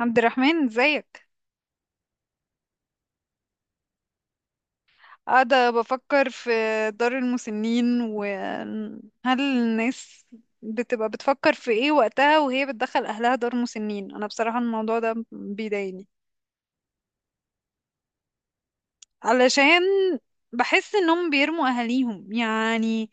عبد الرحمن، ازيك؟ قاعدة بفكر في دار المسنين، وهل الناس بتبقى بتفكر في ايه وقتها وهي بتدخل اهلها دار مسنين؟ انا بصراحة الموضوع ده بيضايقني، علشان بحس انهم بيرموا اهاليهم يعني.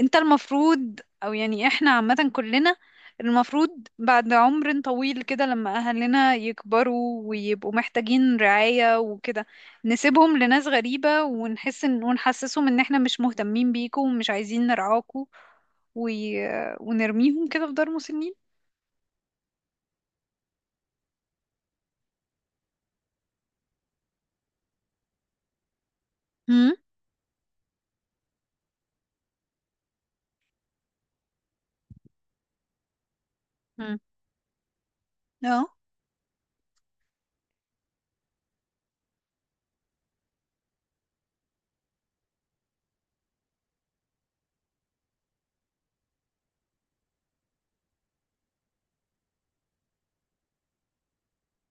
انت المفروض، او يعني احنا عامة كلنا المفروض بعد عمر طويل كده لما اهلنا يكبروا ويبقوا محتاجين رعاية وكده، نسيبهم لناس غريبة ونحس ان ونحسسهم ان احنا مش مهتمين بيكم ومش عايزين نرعاكم و... ونرميهم كده في دار مسنين. امم امم. اه.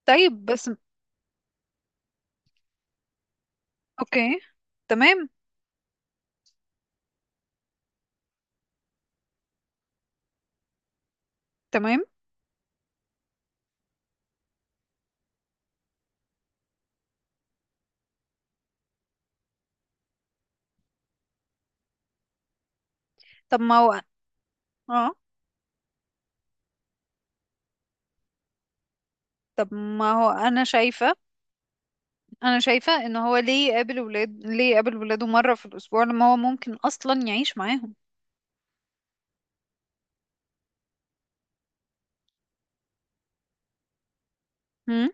طيب. بس. اوكي. تمام، تمام. طب ما هو. اه، طب ما هو انا شايفه ان هو ليه يقابل ولاده مره في الاسبوع لما هو ممكن اصلا يعيش معاهم؟ هم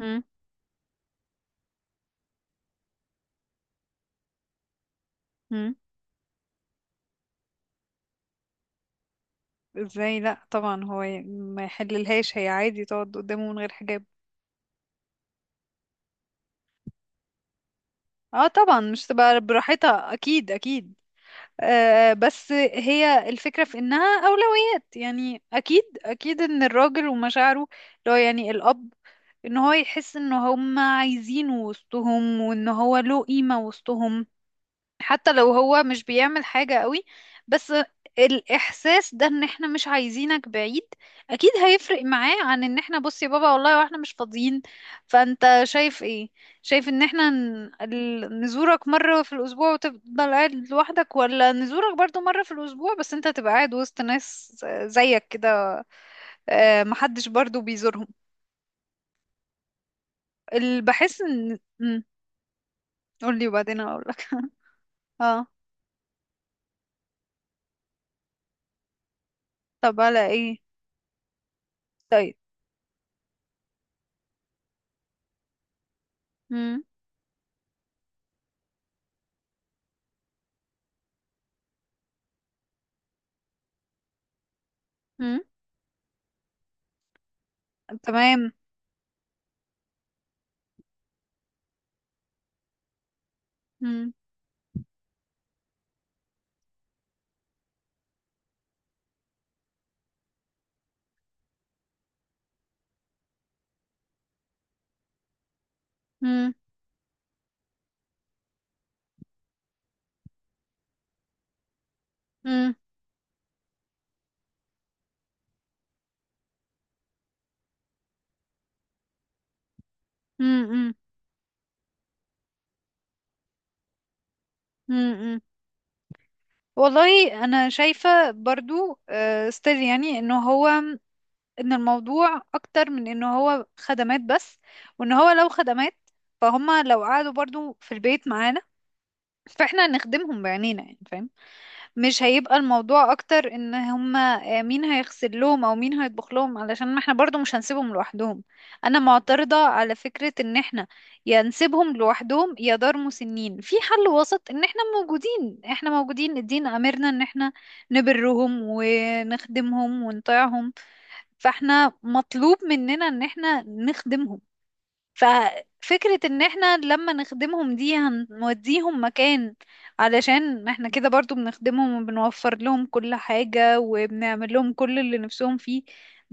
هم هم ازاي؟ لا طبعا، هو ما يحللهاش هي عادي تقعد قدامه من غير حجاب. اه طبعا، مش تبقى براحتها، اكيد اكيد. آه، بس هي الفكره في انها اولويات، يعني اكيد اكيد ان الراجل ومشاعره، اللي هو يعني الاب، ان هو يحس ان هم عايزينه وسطهم وان هو له قيمه وسطهم، حتى لو هو مش بيعمل حاجة قوي، بس الإحساس ده إن إحنا مش عايزينك بعيد أكيد هيفرق معاه عن إن إحنا بص يا بابا والله وإحنا مش فاضيين. فأنت شايف إيه؟ شايف إن إحنا نزورك مرة في الأسبوع وتفضل قاعد لوحدك، ولا نزورك برضو مرة في الأسبوع بس أنت تبقى قاعد وسط ناس زيك كده؟ آه، محدش برضو بيزورهم. اللي بحس إن قولي وبعدين أقولك. اه. طب على إيه؟ طيب. مم. مم. تمام. مم. مم. مم. مم. مم. مم. والله انا شايفة برضو ستيل يعني انه هو، ان الموضوع اكتر من انه هو خدمات بس. وان هو لو خدمات، فهم لو قعدوا برضو في البيت معانا فاحنا هنخدمهم بعينينا، يعني فاهم؟ مش هيبقى الموضوع اكتر ان هما، آه، مين هيغسل لهم او مين هيطبخ لهم، علشان ما احنا برضو مش هنسيبهم لوحدهم. انا معترضة على فكرة ان احنا يا نسيبهم لوحدهم يا دار مسنين. في حل وسط، ان احنا موجودين، احنا موجودين. الدين امرنا ان احنا نبرهم ونخدمهم ونطيعهم، فاحنا مطلوب مننا ان احنا نخدمهم. ففكرة ان احنا لما نخدمهم دي هنوديهم مكان علشان احنا كده برضو بنخدمهم وبنوفر لهم كل حاجة وبنعمل لهم كل اللي نفسهم فيه،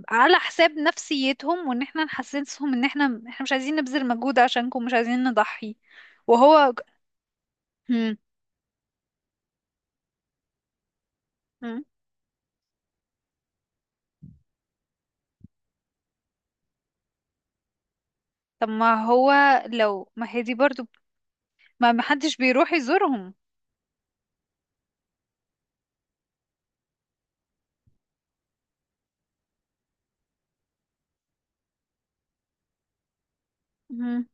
على حساب نفسيتهم وان احنا نحسسهم ان احنا مش عايزين نبذل مجهود عشانكم، مش عايزين نضحي. وهو. هم. هم. طب ما هو، لو ما هي دي برضو، ما حدش بيروح يزورهم. هم.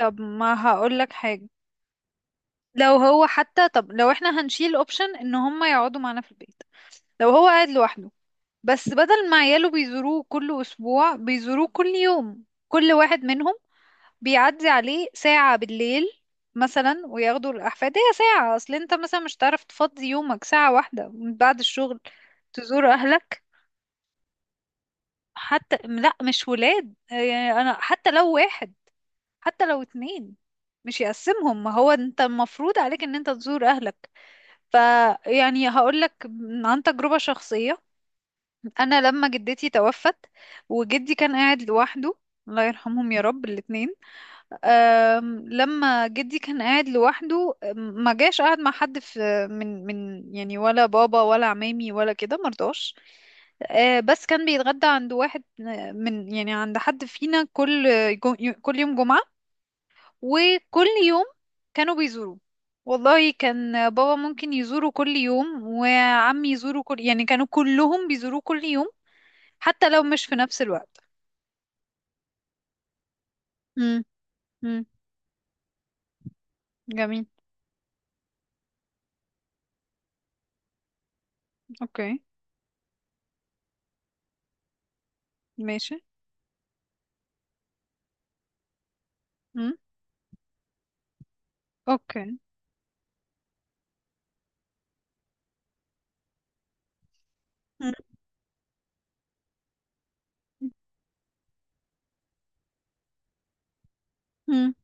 طب ما هقول لك حاجة، لو هو حتى، طب لو احنا هنشيل اوبشن ان هم يقعدوا معانا في البيت، لو هو قاعد لوحده بس بدل ما عياله بيزوروه كل أسبوع بيزوروه كل يوم، كل واحد منهم بيعدي عليه ساعة بالليل مثلا وياخدوا الأحفاد. هي ساعة، أصل أنت مثلا مش هتعرف تفضي يومك ساعة واحدة من بعد الشغل تزور أهلك؟ حتى لا، مش ولاد يعني، أنا حتى لو واحد، حتى لو اتنين، مش يقسمهم، ما هو أنت المفروض عليك أن أنت تزور أهلك. فيعني هقولك عن تجربة شخصية، انا لما جدتي توفت وجدي كان قاعد لوحده، الله يرحمهم يا رب الاتنين، لما جدي كان قاعد لوحده ما جاش قاعد مع حد، في من من يعني ولا بابا ولا عمامي ولا كده، مرضاش. بس كان بيتغدى عند واحد، من يعني عند حد فينا كل جو- كل يوم جمعة. وكل يوم كانوا بيزوروه، والله كان بابا ممكن يزوره كل يوم وعمي يزوره كل، يعني كانوا كلهم بيزوروه كل يوم، حتى لو مش في نفس الوقت. امم. امم. جميل. اوكي. ماشي. امم. اوكي. امم. امم.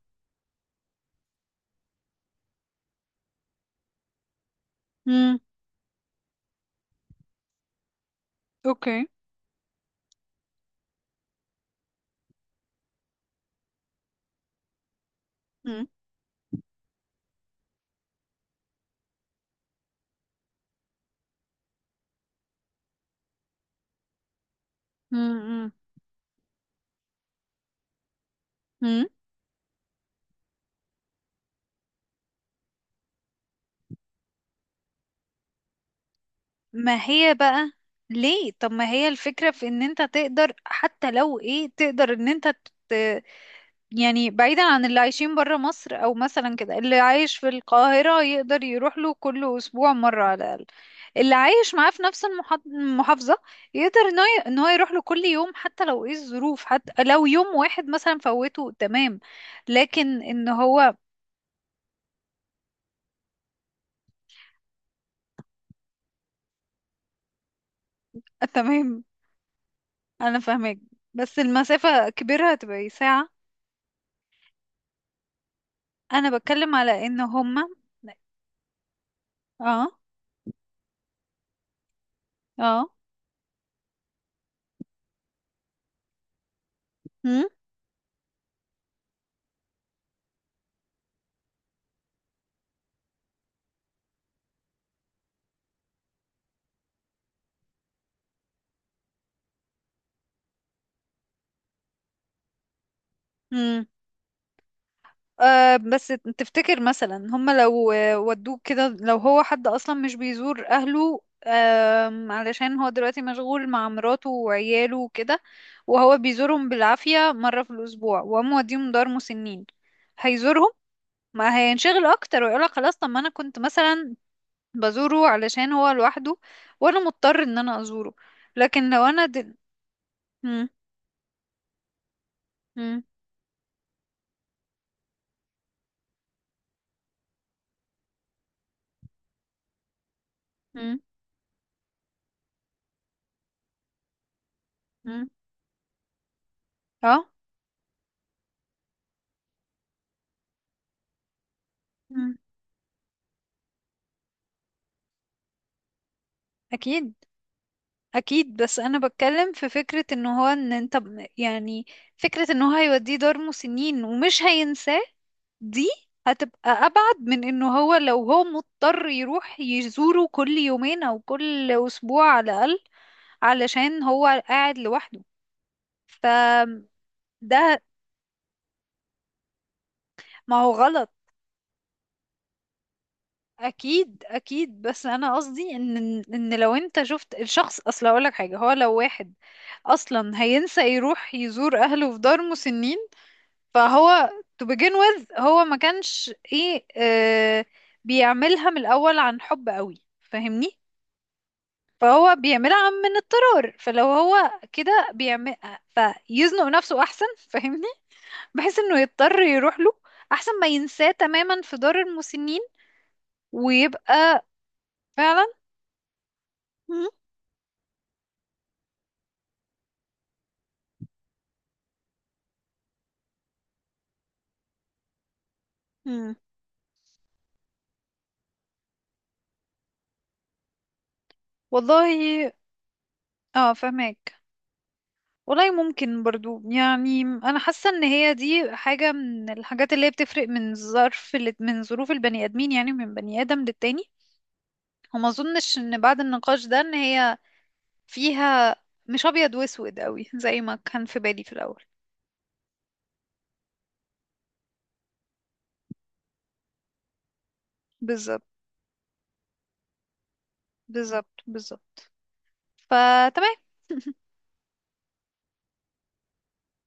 امم. اوكي. امم. امم. امم. ما هي بقى ليه؟ طب ما هي الفكرة في ان انت تقدر، حتى لو ايه، تقدر ان انت يعني، بعيدا عن اللي عايشين برا مصر او مثلا كده، اللي عايش في القاهرة يقدر يروح له كل اسبوع مرة على الاقل، اللي عايش معاه في نفس المحافظة يقدر ان هو إن هو يروح له كل يوم، حتى لو ايه الظروف، حتى لو يوم واحد مثلا فوته تمام، لكن ان هو. تمام. انا فاهمك. بس المسافة كبيرة هتبقى إيه، ساعة. انا بتكلم على ان هما. اه. اه. هم. آه بس تفتكر مثلا هم لو، آه، ودوك كده، لو هو حد اصلا مش بيزور اهله، آم، علشان هو دلوقتي مشغول مع مراته وعياله وكده، وهو بيزورهم بالعافية مرة في الاسبوع، وقام موديهم دار مسنين، هيزورهم؟ ما هينشغل اكتر ويقولك خلاص، طب ما انا كنت مثلا بزوره علشان هو لوحده وانا مضطر ان انا ازوره، لكن لو انا مم. مم. مم. مم. اه. مم. اكيد اكيد، بس انا بتكلم في فكرة ان هو، ان انت يعني فكرة ان هو هيوديه دار مسنين ومش هينساه دي، هتبقى ابعد من انه هو لو هو مضطر يروح يزوره كل يومين او كل اسبوع على الاقل علشان هو قاعد لوحده. فده. ما هو غلط. اكيد اكيد، بس انا قصدي ان، ان لو انت شفت الشخص، اصل اقول لك حاجه، هو لو واحد اصلا هينسى يروح يزور اهله في دار مسنين، فهو to begin with هو ما كانش، ايه آه، بيعملها من الاول عن حب قوي، فاهمني؟ فهو بيعملها من اضطرار، فلو هو كده بيعمل فيزنق نفسه احسن، فاهمني؟ بحيث انه يضطر يروح له احسن ما ينساه تماما في دار المسنين ويبقى. فعلا. مم. مم. والله. اه فهمك. والله ممكن برضو، يعني انا حاسه ان هي دي حاجه من الحاجات اللي هي بتفرق من من ظروف البني ادمين، يعني من بني ادم للتاني، وما اظنش ان بعد النقاش ده ان هي فيها، مش ابيض واسود قوي زي ما كان في بالي في الاول. بالظبط، بالظبط. بالظبط. فتمام.